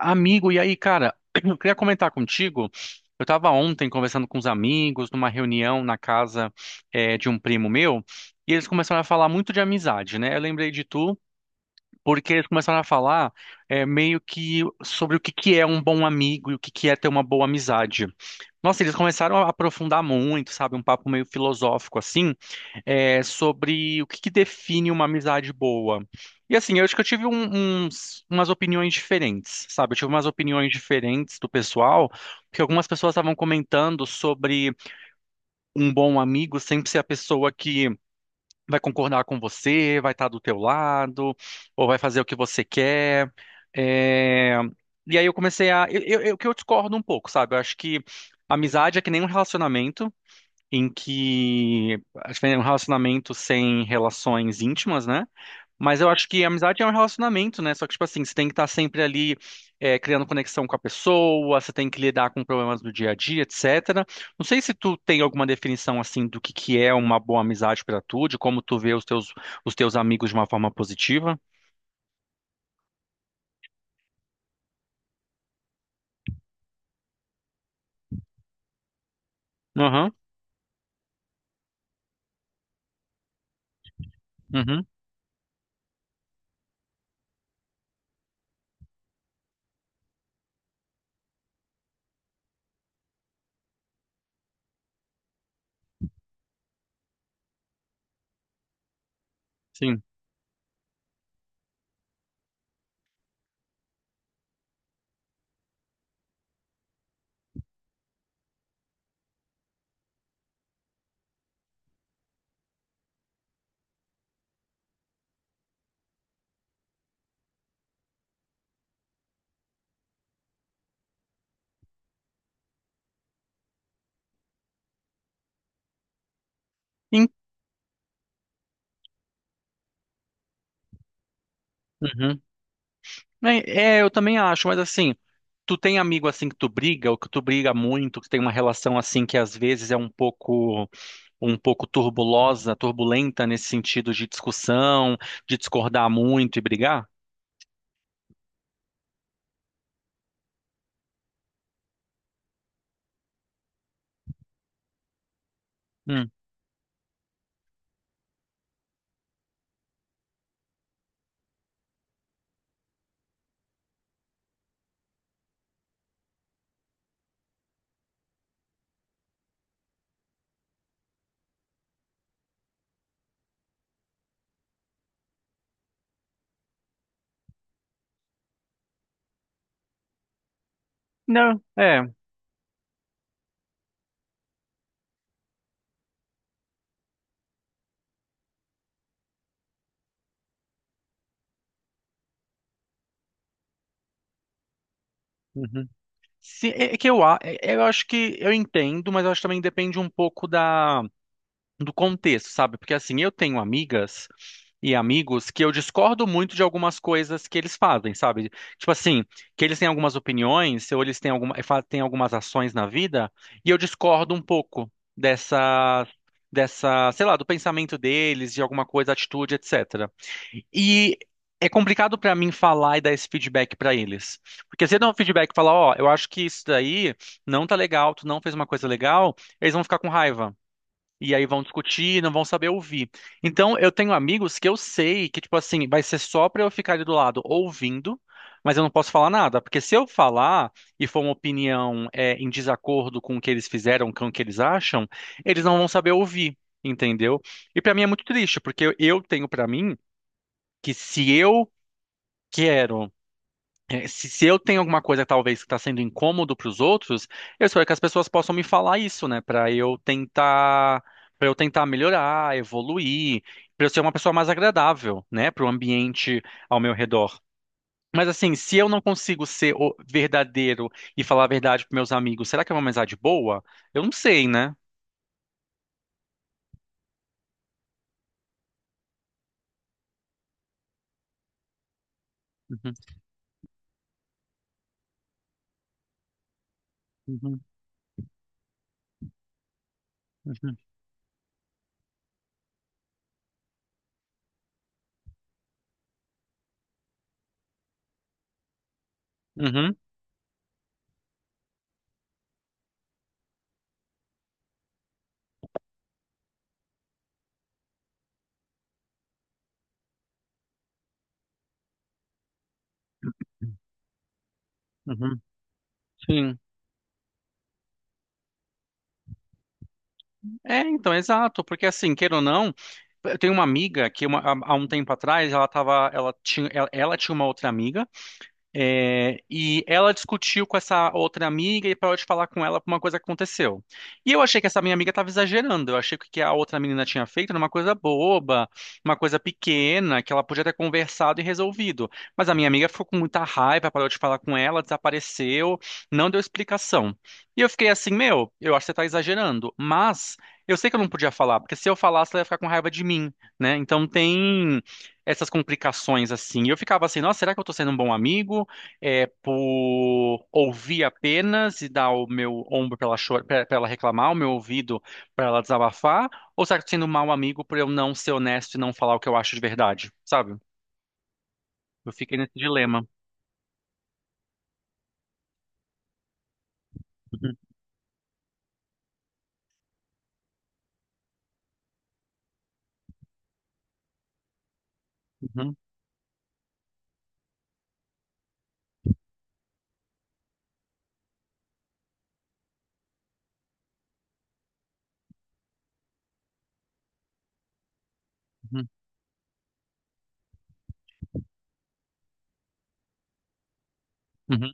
Amigo, e aí, cara, eu queria comentar contigo. Eu tava ontem conversando com uns amigos, numa reunião na casa de um primo meu, e eles começaram a falar muito de amizade, né? Eu lembrei de tu, porque eles começaram a falar, meio que sobre o que que é um bom amigo e o que que é ter uma boa amizade. Nossa, eles começaram a aprofundar muito, sabe? Um papo meio filosófico assim, é, sobre o que que define uma amizade boa. E assim, eu acho que eu tive umas opiniões diferentes, sabe? Eu tive umas opiniões diferentes do pessoal, porque algumas pessoas estavam comentando sobre um bom amigo sempre ser a pessoa que vai concordar com você, vai estar do teu lado, ou vai fazer o que você quer. É. E aí eu comecei a. Eu- que eu discordo um pouco, sabe? Eu acho que amizade é que nem um relacionamento, em que acho que é um relacionamento sem relações íntimas, né? Mas eu acho que a amizade é um relacionamento, né? Só que, tipo assim, você tem que estar sempre ali, é, criando conexão com a pessoa, você tem que lidar com problemas do dia a dia, etc. Não sei se tu tem alguma definição, assim, do que é uma boa amizade pra tu, de como tu vê os teus amigos de uma forma positiva. Aham, uhum, sim. Sim. É, é, eu também acho, mas assim, tu tem amigo assim que tu briga, ou que tu briga muito, que tem uma relação assim que às vezes é um pouco, um pouco turbulosa, turbulenta nesse sentido de discussão, de discordar muito e brigar? Hum. Não, é. Uhum. Se- é é que eu, a- é- eu acho que eu entendo, mas eu acho que também depende um pouco da do contexto, sabe? Porque assim, eu tenho amigas e amigos que eu discordo muito de algumas coisas que eles fazem, sabe? Tipo assim, que eles têm algumas opiniões, ou eles têm têm algumas ações na vida, e eu discordo um pouco dessa dessa, sei lá, do pensamento deles, de alguma coisa, atitude, etc. E é complicado pra mim falar e dar esse feedback pra eles. Porque se eu der um feedback e falar, ó, eu acho que isso daí não tá legal, tu não fez uma coisa legal, eles vão ficar com raiva. E aí vão discutir, não vão saber ouvir. Então, eu tenho amigos que eu sei que, tipo assim, vai ser só pra eu ficar ali do lado ouvindo, mas eu não posso falar nada. Porque se eu falar e for uma opinião, é, em desacordo com o que eles fizeram, com o que eles acham, eles não vão saber ouvir, entendeu? E pra mim é muito triste, porque eu tenho pra mim que se eu quero. É. Se eu tenho alguma coisa talvez que está sendo incômodo para os outros, eu espero que as pessoas possam me falar isso, né? Para eu tentar melhorar, evoluir, para eu ser uma pessoa mais agradável, né? Para o ambiente ao meu redor. Mas assim, se eu não consigo ser o verdadeiro e falar a verdade para meus amigos, será que é uma amizade boa? Eu não sei, né? Uhum, uhum, uhum, uhum, uhum, sim. É, então, exato, porque assim, queira ou não, eu tenho uma amiga que há um tempo atrás ela tava, ela tinha, ela tinha uma outra amiga, e ela discutiu com essa outra amiga e parou de falar com ela por uma coisa que aconteceu. E eu achei que essa minha amiga estava exagerando. Eu achei que o que a outra menina tinha feito era uma coisa boba, uma coisa pequena, que ela podia ter conversado e resolvido. Mas a minha amiga ficou com muita raiva, parou de falar com ela, desapareceu, não deu explicação. E eu fiquei assim, meu, eu acho que você está exagerando. Mas eu sei que eu não podia falar, porque se eu falasse, ela ia ficar com raiva de mim, né? Então tem essas complicações assim. E eu ficava assim, nossa, será que eu tô sendo um bom amigo? Por ouvir apenas e dar o meu ombro para ela chorar, para ela reclamar, o meu ouvido para ela desabafar, ou será que eu tô sendo um mau amigo por eu não ser honesto e não falar o que eu acho de verdade, sabe? Eu fiquei nesse dilema. Uhum, uhum, uhum, uhum.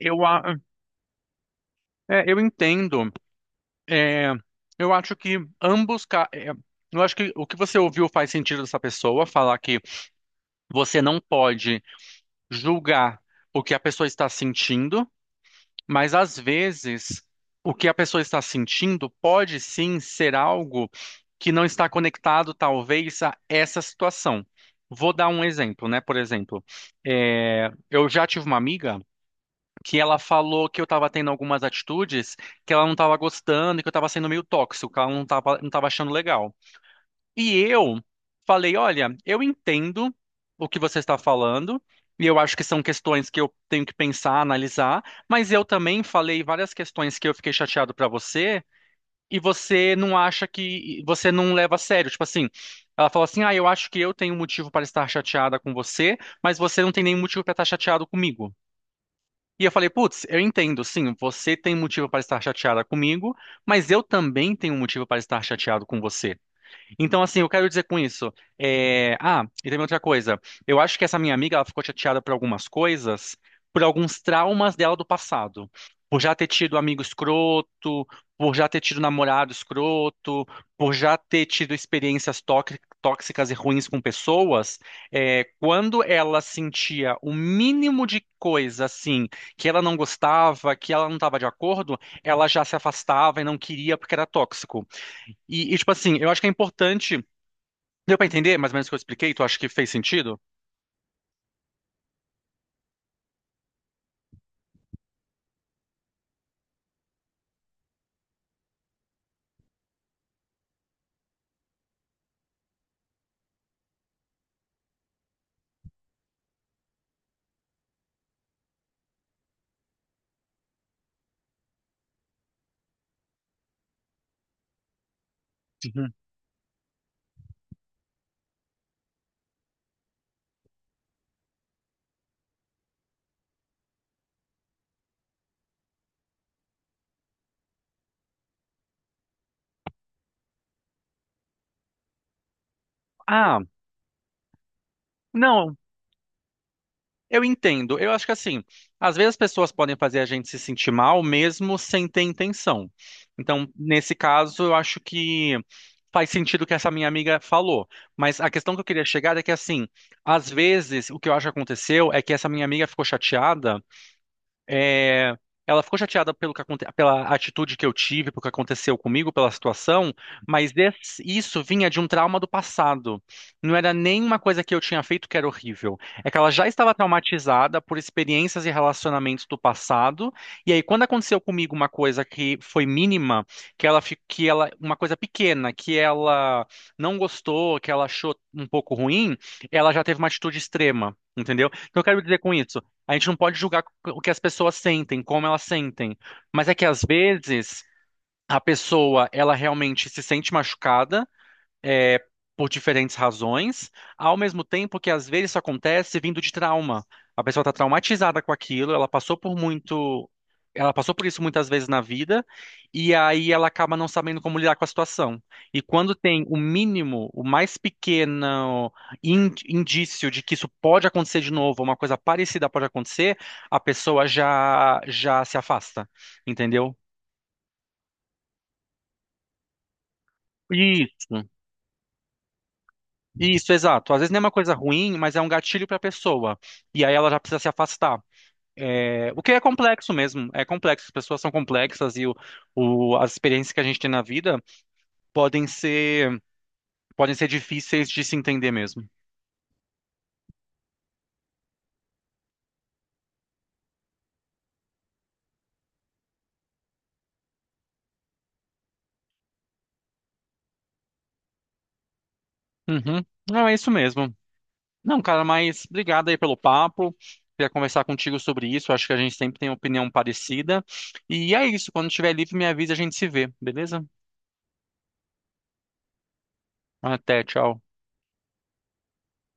Eu, a- eu entendo. É, eu acho que ambos. Eu acho que o que você ouviu faz sentido dessa pessoa falar que você não pode julgar o que a pessoa está sentindo. Mas às vezes, o que a pessoa está sentindo pode sim ser algo que não está conectado, talvez, a essa situação. Vou dar um exemplo, né? Por exemplo, eu já tive uma amiga que ela falou que eu estava tendo algumas atitudes que ela não estava gostando, e que eu estava sendo meio tóxico, que ela não estava achando legal. E eu falei, olha, eu entendo o que você está falando, e eu acho que são questões que eu tenho que pensar, analisar, mas eu também falei várias questões que eu fiquei chateado para você, e você não acha que você não leva a sério, tipo assim, ela falou assim: "Ah, eu acho que eu tenho um motivo para estar chateada com você, mas você não tem nenhum motivo para estar chateado comigo". E eu falei, putz, eu entendo, sim, você tem motivo para estar chateada comigo, mas eu também tenho um motivo para estar chateado com você. Então, assim, eu quero dizer com isso. Ah, e também outra coisa. Eu acho que essa minha amiga, ela ficou chateada por algumas coisas, por alguns traumas dela do passado. Por já ter tido amigo escroto, por já ter tido namorado escroto, por já ter tido experiências tóxicas e ruins com pessoas. Quando ela sentia o mínimo de coisa, assim, que ela não gostava, que ela não estava de acordo, ela já se afastava e não queria porque era tóxico. Tipo assim, eu acho que é importante. Deu pra entender mais ou menos o que eu expliquei? Tu acha que fez sentido? Uhum. Ah, não, eu entendo. Eu acho que assim, às vezes as pessoas podem fazer a gente se sentir mal mesmo sem ter intenção. Então, nesse caso, eu acho que faz sentido o que essa minha amiga falou. Mas a questão que eu queria chegar é que assim, às vezes o que eu acho que aconteceu é que essa minha amiga ficou chateada. É, ela ficou chateada pelo que pela atitude que eu tive, pelo que aconteceu comigo, pela situação, mas isso vinha de um trauma do passado. Não era nenhuma coisa que eu tinha feito que era horrível. É que ela já estava traumatizada por experiências e relacionamentos do passado, e aí quando aconteceu comigo uma coisa que foi mínima, que ela fi- que ela uma coisa pequena, que ela não gostou, que ela achou um pouco ruim, ela já teve uma atitude extrema. Entendeu? Então, eu quero dizer com isso. A gente não pode julgar o que as pessoas sentem, como elas sentem. Mas é que às vezes a pessoa, ela realmente se sente machucada, é, por diferentes razões, ao mesmo tempo que às vezes isso acontece vindo de trauma. A pessoa está traumatizada com aquilo, ela passou por muito, ela passou por isso muitas vezes na vida, e aí ela acaba não sabendo como lidar com a situação. E quando tem o mínimo, o mais pequeno indício de que isso pode acontecer de novo, uma coisa parecida pode acontecer, a pessoa já se afasta, entendeu? Isso. Isso, exato. Às vezes nem é uma coisa ruim, mas é um gatilho para a pessoa. E aí ela já precisa se afastar. É, o que é complexo mesmo, é complexo. As pessoas são complexas e as experiências que a gente tem na vida podem ser, podem ser difíceis de se entender mesmo. Uhum. Não, é isso mesmo. Não, cara, mas obrigado aí pelo papo. Queria conversar contigo sobre isso. Acho que a gente sempre tem opinião parecida. E é isso. Quando estiver livre, me avisa, a gente se vê, beleza? Até, tchau.